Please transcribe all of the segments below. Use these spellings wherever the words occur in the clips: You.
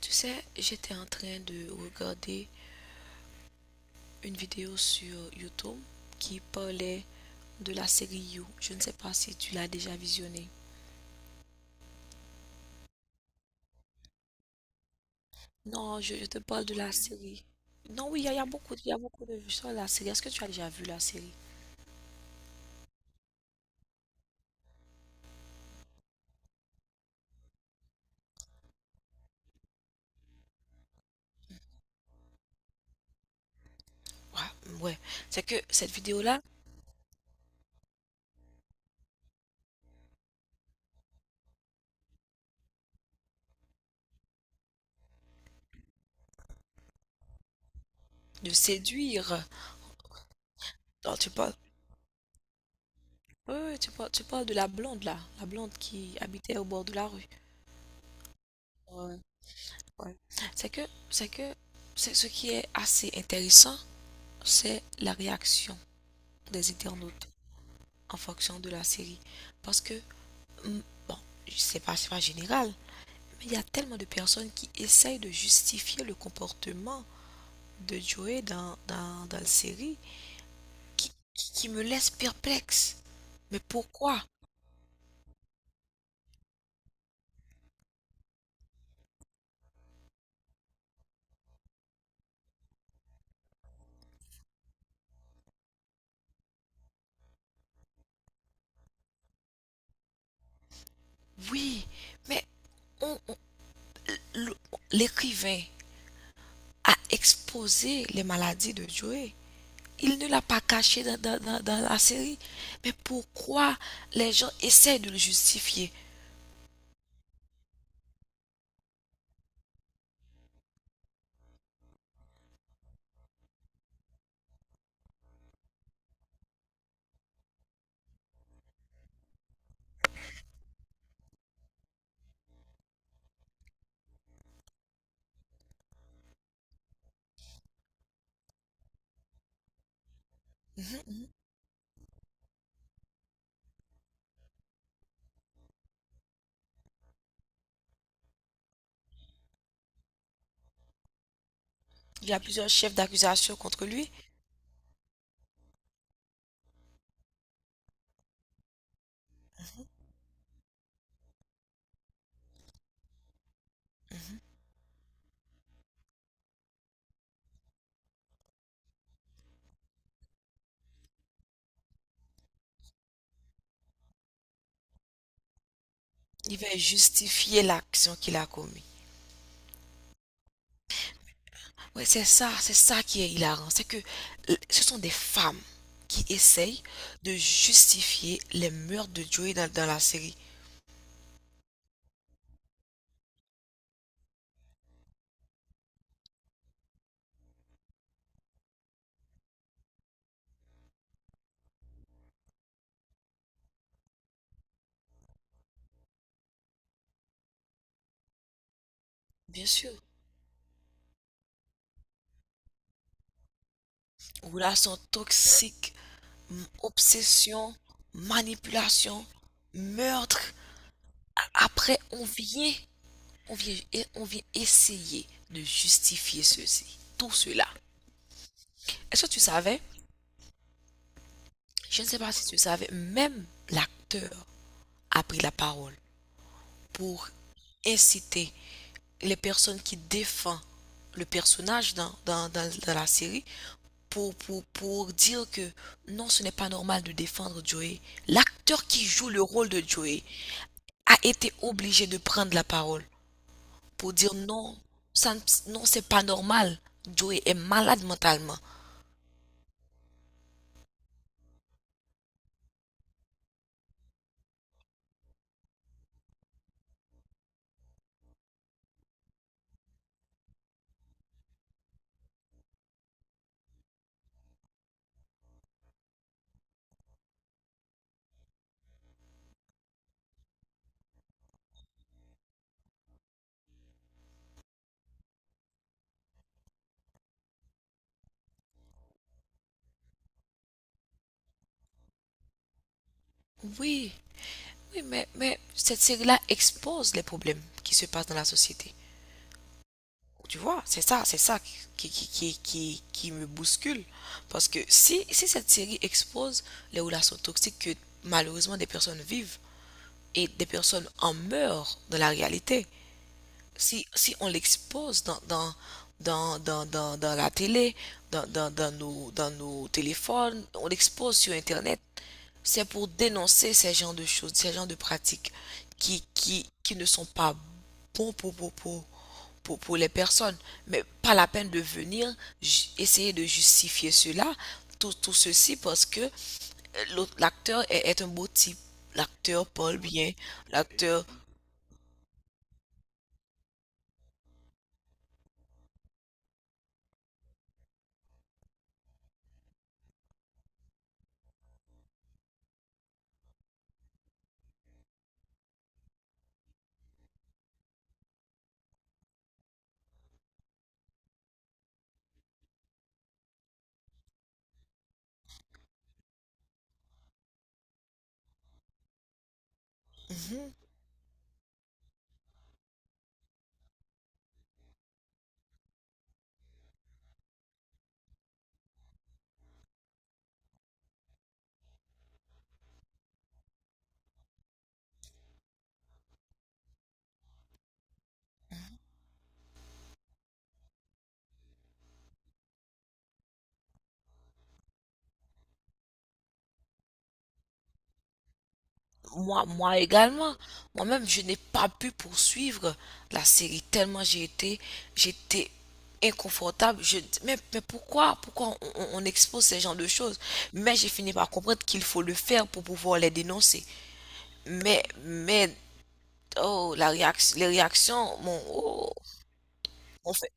Tu sais, j'étais en train de regarder une vidéo sur YouTube qui parlait de la série You. Je ne sais pas si tu l'as déjà visionnée. Non, je te parle de la série. Non, oui, il y a beaucoup, il y a beaucoup de vues sur la série. Est-ce que tu as déjà vu la série? Ouais, ouais. C'est que cette vidéo-là, de séduire. Non, tu parles. Oui, oui, tu parles de la blonde là, la blonde qui habitait au bord de la rue. Ouais, ouais. C'est que, c'est que, c'est ce qui est assez intéressant, c'est la réaction des internautes en fonction de la série. Parce que, bon, c'est pas général, mais il y a tellement de personnes qui essayent de justifier le comportement de Joey dans la série qui me laisse perplexe. Mais pourquoi? Oui, mais on- on- le- l'écrivain a exposé les maladies de Joey. Il ne l'a pas caché dans la série. Mais pourquoi les gens essayent de le justifier? Mhm. Il y a plusieurs chefs d'accusation contre lui. Il va justifier l'action qu'il a commise. Oui, c'est ça qui est hilarant. C'est que ce sont des femmes qui essayent de justifier les meurtres de Joey dans la série. Bien sûr. Relations toxiques, obsession, manipulation, meurtre. Après, on vient, on vient essayer de justifier ceci, tout cela. Est-ce que tu savais? Je ne sais pas si tu savais, même l'acteur a pris la parole pour inciter les personnes qui défendent le personnage dans la série pour dire que non, ce n'est pas normal de défendre Joey. L'acteur qui joue le rôle de Joey a été obligé de prendre la parole pour dire non, ça, non, c'est pas normal. Joey est malade mentalement. Oui, oui, mais cette série-là expose les problèmes qui se passent dans la société. Tu vois, c'est ça qui me bouscule. Parce que si cette série expose les relations toxiques que malheureusement des personnes vivent et des personnes en meurent dans la réalité, si on l'expose dans la télé, dans nos téléphones, on l'expose sur Internet, c'est pour dénoncer ces genres de choses, ces genres de pratiques qui ne sont pas bons pour les personnes. Mais pas la peine de venir essayer de justifier cela, tout ceci, parce que l'acteur est, est un beau type. L'acteur parle bien, l'acteur... Moi, moi également, moi-même, je n'ai pas pu poursuivre la série tellement j'étais inconfortable. Je, mais pourquoi, pourquoi on expose ces genres de choses? Mais j'ai fini par comprendre qu'il faut le faire pour pouvoir les dénoncer. Mais, oh, la réaction, les réactions, mon, oh, on fait...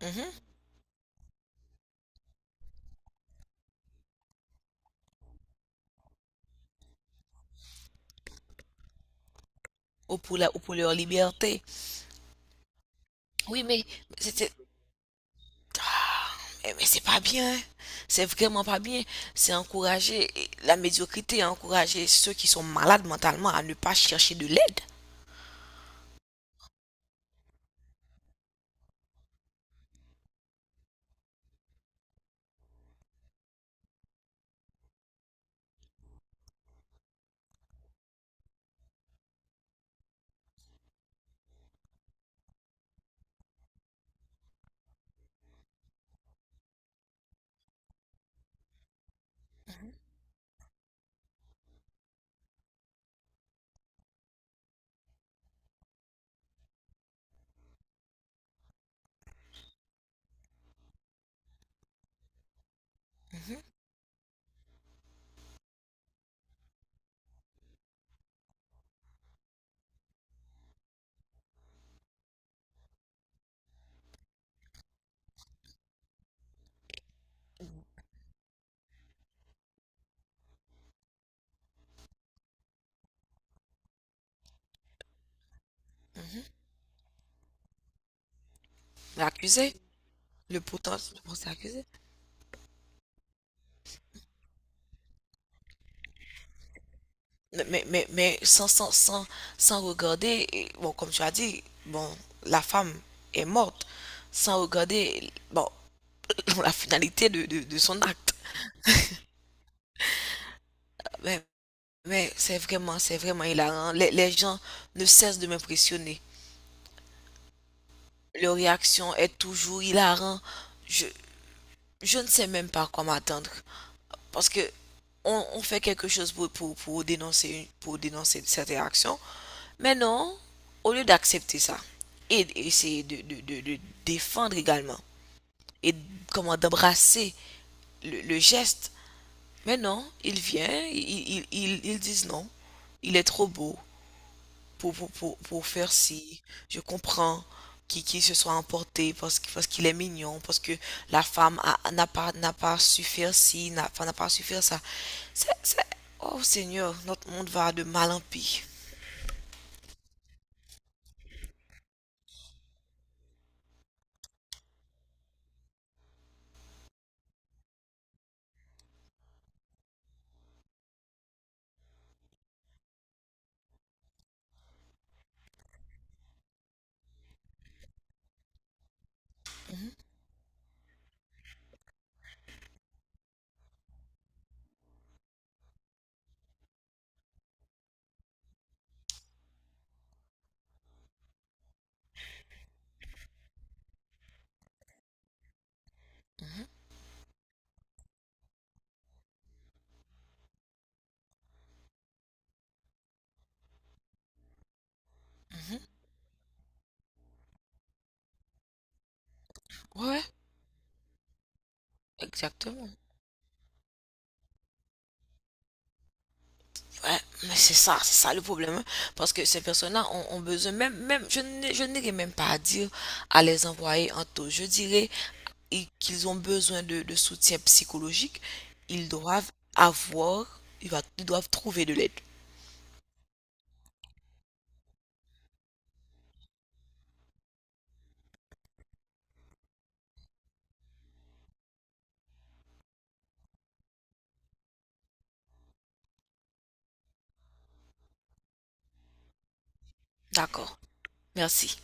Mhm. Ou pour la, ou pour leur liberté. Oui, mais c'était... Eh, mais c'est pas bien, hein. C'est vraiment pas bien. C'est encourager la médiocrité, encourager ceux qui sont malades mentalement à ne pas chercher de l'aide. Mhm, mhm. L'accuser, le potentiel, bon, c'est accusé. Mais, sans, sans, sans, sans regarder, et, bon, comme tu as dit, bon, la femme est morte sans regarder, bon, la finalité de son acte. Mais, mais c'est vraiment hilarant. Les gens ne cessent de m'impressionner. Leur réaction est toujours hilarant. Je, je ne sais même pas à quoi m'attendre. Parce que on fait quelque chose pour dénoncer, pour dénoncer cette réaction. Mais non, au lieu d'accepter ça et d'essayer de défendre également et comment d'embrasser le geste. Mais non, il vient, ils disent non, il est trop beau, pour faire ci, je comprends qu'il se soit emporté parce qu'il est mignon, parce que n'a pas, n'a pas su faire ci, n'a enfin, n'a pas su faire ça. C'est... Oh Seigneur, notre monde va de mal en pis. Mhm, mhm, mhm. Ouais, exactement. Ouais, mais c'est ça le problème, hein. Parce que ces personnes-là ont, ont besoin, même, je n'irai même pas à dire à les envoyer en taux. Je dirais qu'ils ont besoin de soutien psychologique. Ils doivent avoir, ils doivent trouver de l'aide. D'accord. Merci.